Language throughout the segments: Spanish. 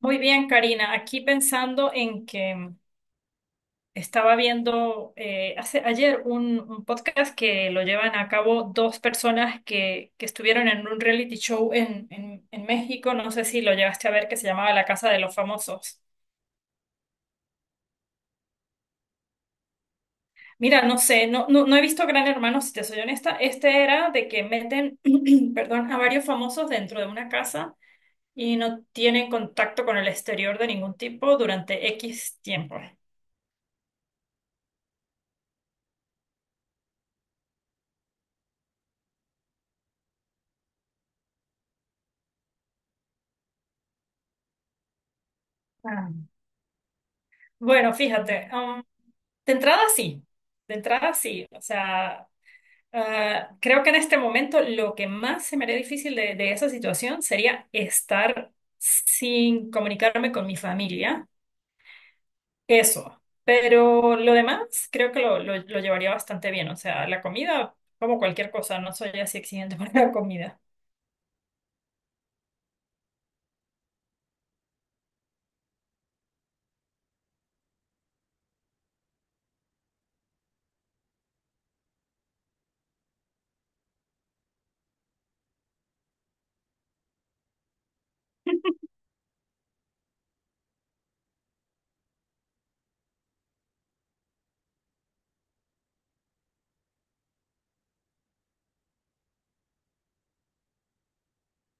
Muy bien, Karina. Aquí pensando en que estaba viendo ayer un podcast que lo llevan a cabo dos personas que estuvieron en un reality show en México. No sé si lo llegaste a ver, que se llamaba La Casa de los Famosos. Mira, no sé, no, no, no he visto Gran Hermano, si te soy honesta. Este era de que meten, perdón, a varios famosos dentro de una casa y no tienen contacto con el exterior de ningún tipo durante X tiempo. Ah. Bueno, fíjate. De entrada sí, de entrada sí. O sea, creo que en este momento lo que más se me haría difícil de esa situación sería estar sin comunicarme con mi familia. Eso. Pero lo demás creo que lo llevaría bastante bien. O sea, la comida, como cualquier cosa, no soy así exigente para la comida.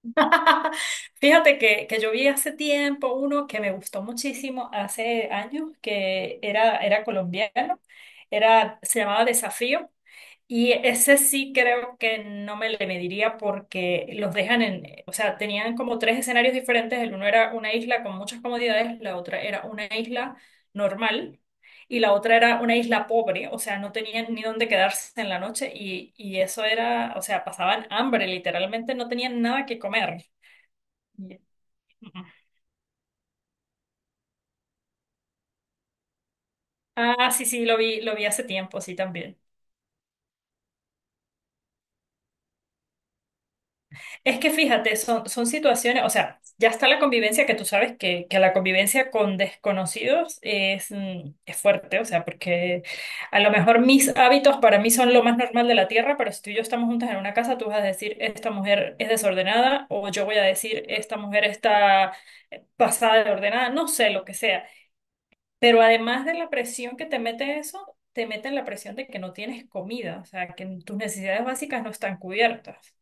Fíjate que yo vi hace tiempo uno que me gustó muchísimo, hace años, que era colombiano, se llamaba Desafío, y ese sí creo que no me le mediría porque los dejan en, o sea, tenían como tres escenarios diferentes, el uno era una isla con muchas comodidades, la otra era una isla normal. Y la otra era una isla pobre, o sea, no tenían ni dónde quedarse en la noche y eso era, o sea, pasaban hambre, literalmente no tenían nada que comer. Ya. Ah, sí, sí, lo vi hace tiempo, sí, también. Es que fíjate, son situaciones, o sea, ya está la convivencia que tú sabes que la convivencia con desconocidos es, es fuerte, o sea, porque a lo mejor mis hábitos para mí son lo más normal de la tierra, pero si tú y yo estamos juntas en una casa, tú vas a decir, esta mujer es desordenada, o yo voy a decir, esta mujer está pasada de ordenada, no sé, lo que sea. Pero además de la presión que te mete eso, te mete la presión de que no tienes comida, o sea, que tus necesidades básicas no están cubiertas.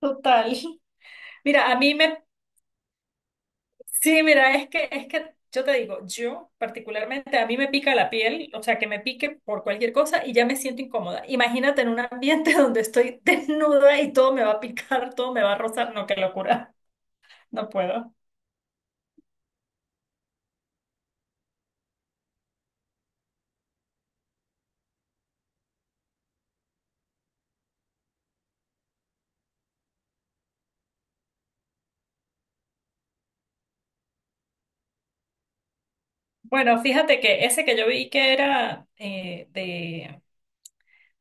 Total. Mira, sí, mira, es que yo te digo, yo particularmente, a mí me pica la piel, o sea, que me pique por cualquier cosa y ya me siento incómoda. Imagínate en un ambiente donde estoy desnuda y todo me va a picar, todo me va a rozar, no, qué locura, no puedo. Bueno, fíjate que ese que yo vi que era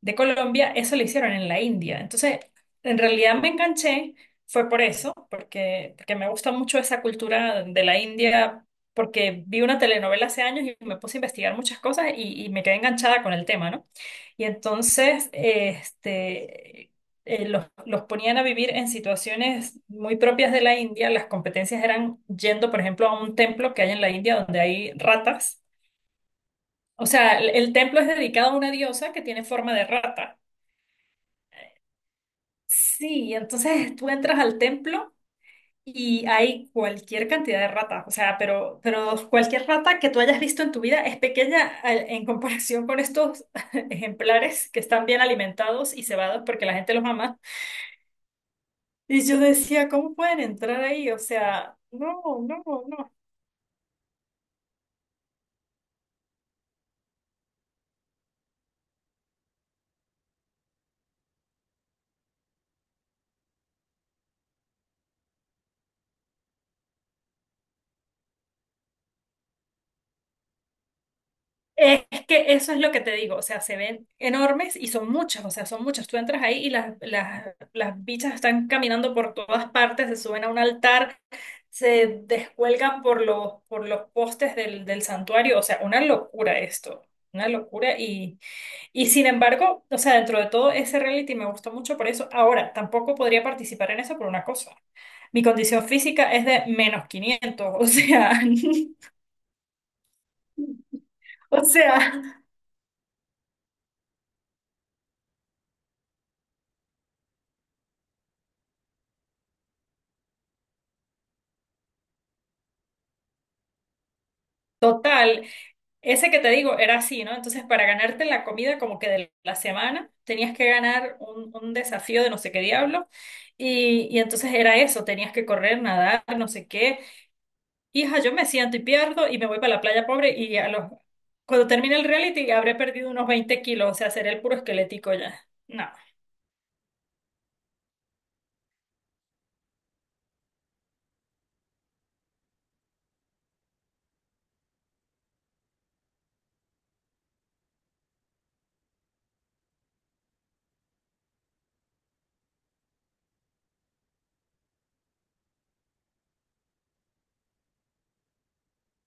de Colombia, eso lo hicieron en la India. Entonces, en realidad me enganché, fue por eso, porque me gusta mucho esa cultura de la India, porque vi una telenovela hace años y me puse a investigar muchas cosas y me quedé enganchada con el tema, ¿no? Y entonces, los ponían a vivir en situaciones muy propias de la India. Las competencias eran yendo, por ejemplo, a un templo que hay en la India donde hay ratas. O sea, el templo es dedicado a una diosa que tiene forma de rata. Sí, entonces tú entras al templo y hay cualquier cantidad de ratas, o sea, pero cualquier rata que tú hayas visto en tu vida es pequeña en comparación con estos ejemplares que están bien alimentados y cebados porque la gente los ama. Y yo decía, ¿cómo pueden entrar ahí? O sea, no, no, no. Es que eso es lo que te digo, o sea, se ven enormes y son muchas, o sea, son muchas. Tú entras ahí y las bichas están caminando por todas partes, se suben a un altar, se descuelgan por por los postes del santuario, o sea, una locura esto, una locura. Y sin embargo, o sea, dentro de todo ese reality me gustó mucho por eso. Ahora, tampoco podría participar en eso por una cosa. Mi condición física es de menos 500, o sea, o sea, total. Ese que te digo era así, ¿no? Entonces, para ganarte la comida como que de la semana, tenías que ganar un desafío de no sé qué diablo. Y entonces era eso, tenías que correr, nadar, no sé qué. Hija, yo me siento y pierdo y me voy para la playa pobre y a los... cuando termine el reality habré perdido unos 20 kilos, o sea, seré el puro esquelético ya. No,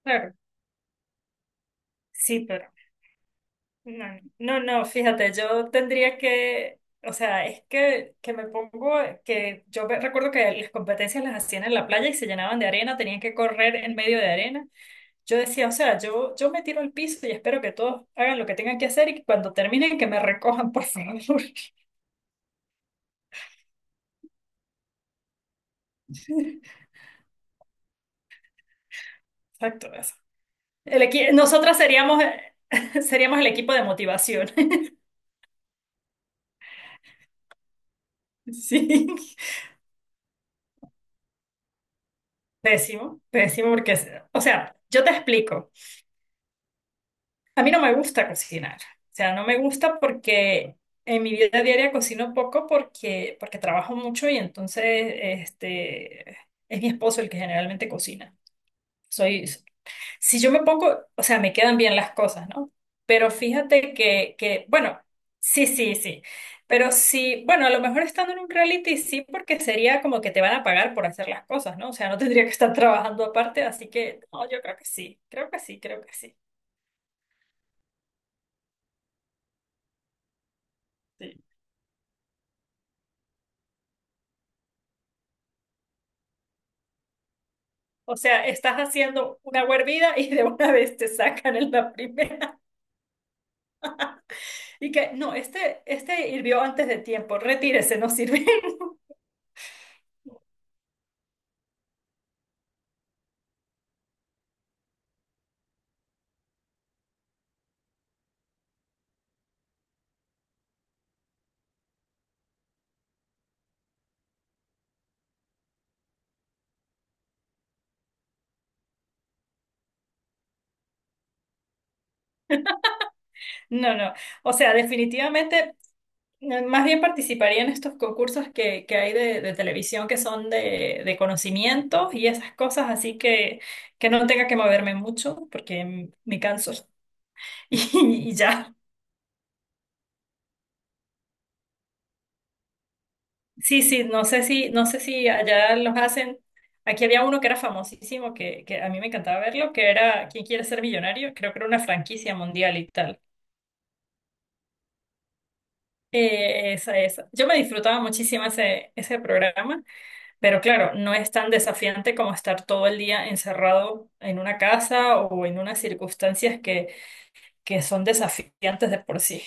claro, sí, pero... No, no, no, fíjate, yo tendría que, o sea, es que, que yo recuerdo que las competencias las hacían en la playa y se llenaban de arena, tenían que correr en medio de arena. Yo decía, o sea, yo me tiro al piso y espero que todos hagan lo que tengan que hacer y que cuando terminen que me recojan, por favor. Exacto, eso. Nosotras seríamos, seríamos el equipo de motivación. Sí, pésimo, pésimo, porque, o sea, yo te explico. A mí no me gusta cocinar. O sea, no me gusta porque en mi vida diaria cocino poco porque trabajo mucho y entonces este, es mi esposo el que generalmente cocina. Soy, si yo me pongo, o sea, me quedan bien las cosas, ¿no? Pero fíjate bueno, sí, sí, sí. Pero sí, bueno, a lo mejor estando en un reality sí, porque sería como que te van a pagar por hacer las cosas, ¿no? O sea, no tendría que estar trabajando aparte, así que, no, yo creo que sí, creo que sí, creo que sí. Sí. O sea, estás haciendo una hervida y de una vez te sacan en la primera. Y que, no, este hirvió antes de tiempo, retírese, no sirve. No, no. O sea, definitivamente, más bien participaría en estos concursos que hay de televisión que son de conocimientos y esas cosas, así que no tenga que moverme mucho porque me canso. Y ya. Sí, sí, no sé si allá los hacen. Aquí había uno que era famosísimo, que a mí me encantaba verlo, que era ¿Quién quiere ser millonario? Creo que era una franquicia mundial y tal. Esa, esa. Yo me disfrutaba muchísimo ese programa, pero claro, no es tan desafiante como estar todo el día encerrado en una casa o en unas circunstancias que son desafiantes de por sí.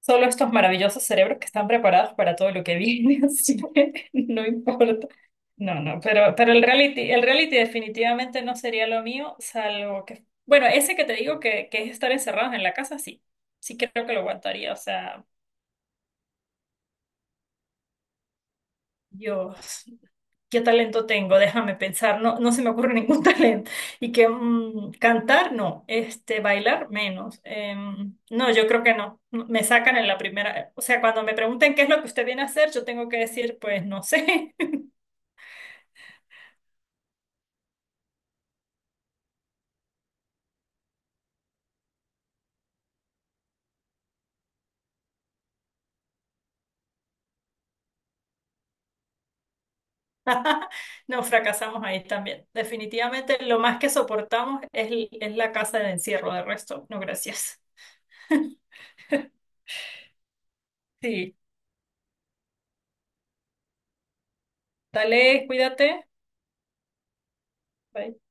Solo estos maravillosos cerebros que están preparados para todo lo que viene, así que no importa. No, no, pero, el reality definitivamente no sería lo mío, salvo que, bueno, ese que te digo que es estar encerrados en la casa, sí, sí creo que lo aguantaría, o sea, Dios. ¿Qué talento tengo? Déjame pensar, no, no se me ocurre ningún talento. Y que cantar, no, este, bailar, menos. No, yo creo que no. No, me sacan en la primera. O sea, cuando me pregunten qué es lo que usted viene a hacer, yo tengo que decir, pues no sé. Nos fracasamos ahí también. Definitivamente lo más que soportamos es, es la casa de encierro, de resto, no, gracias. Sí, dale, cuídate. Bye.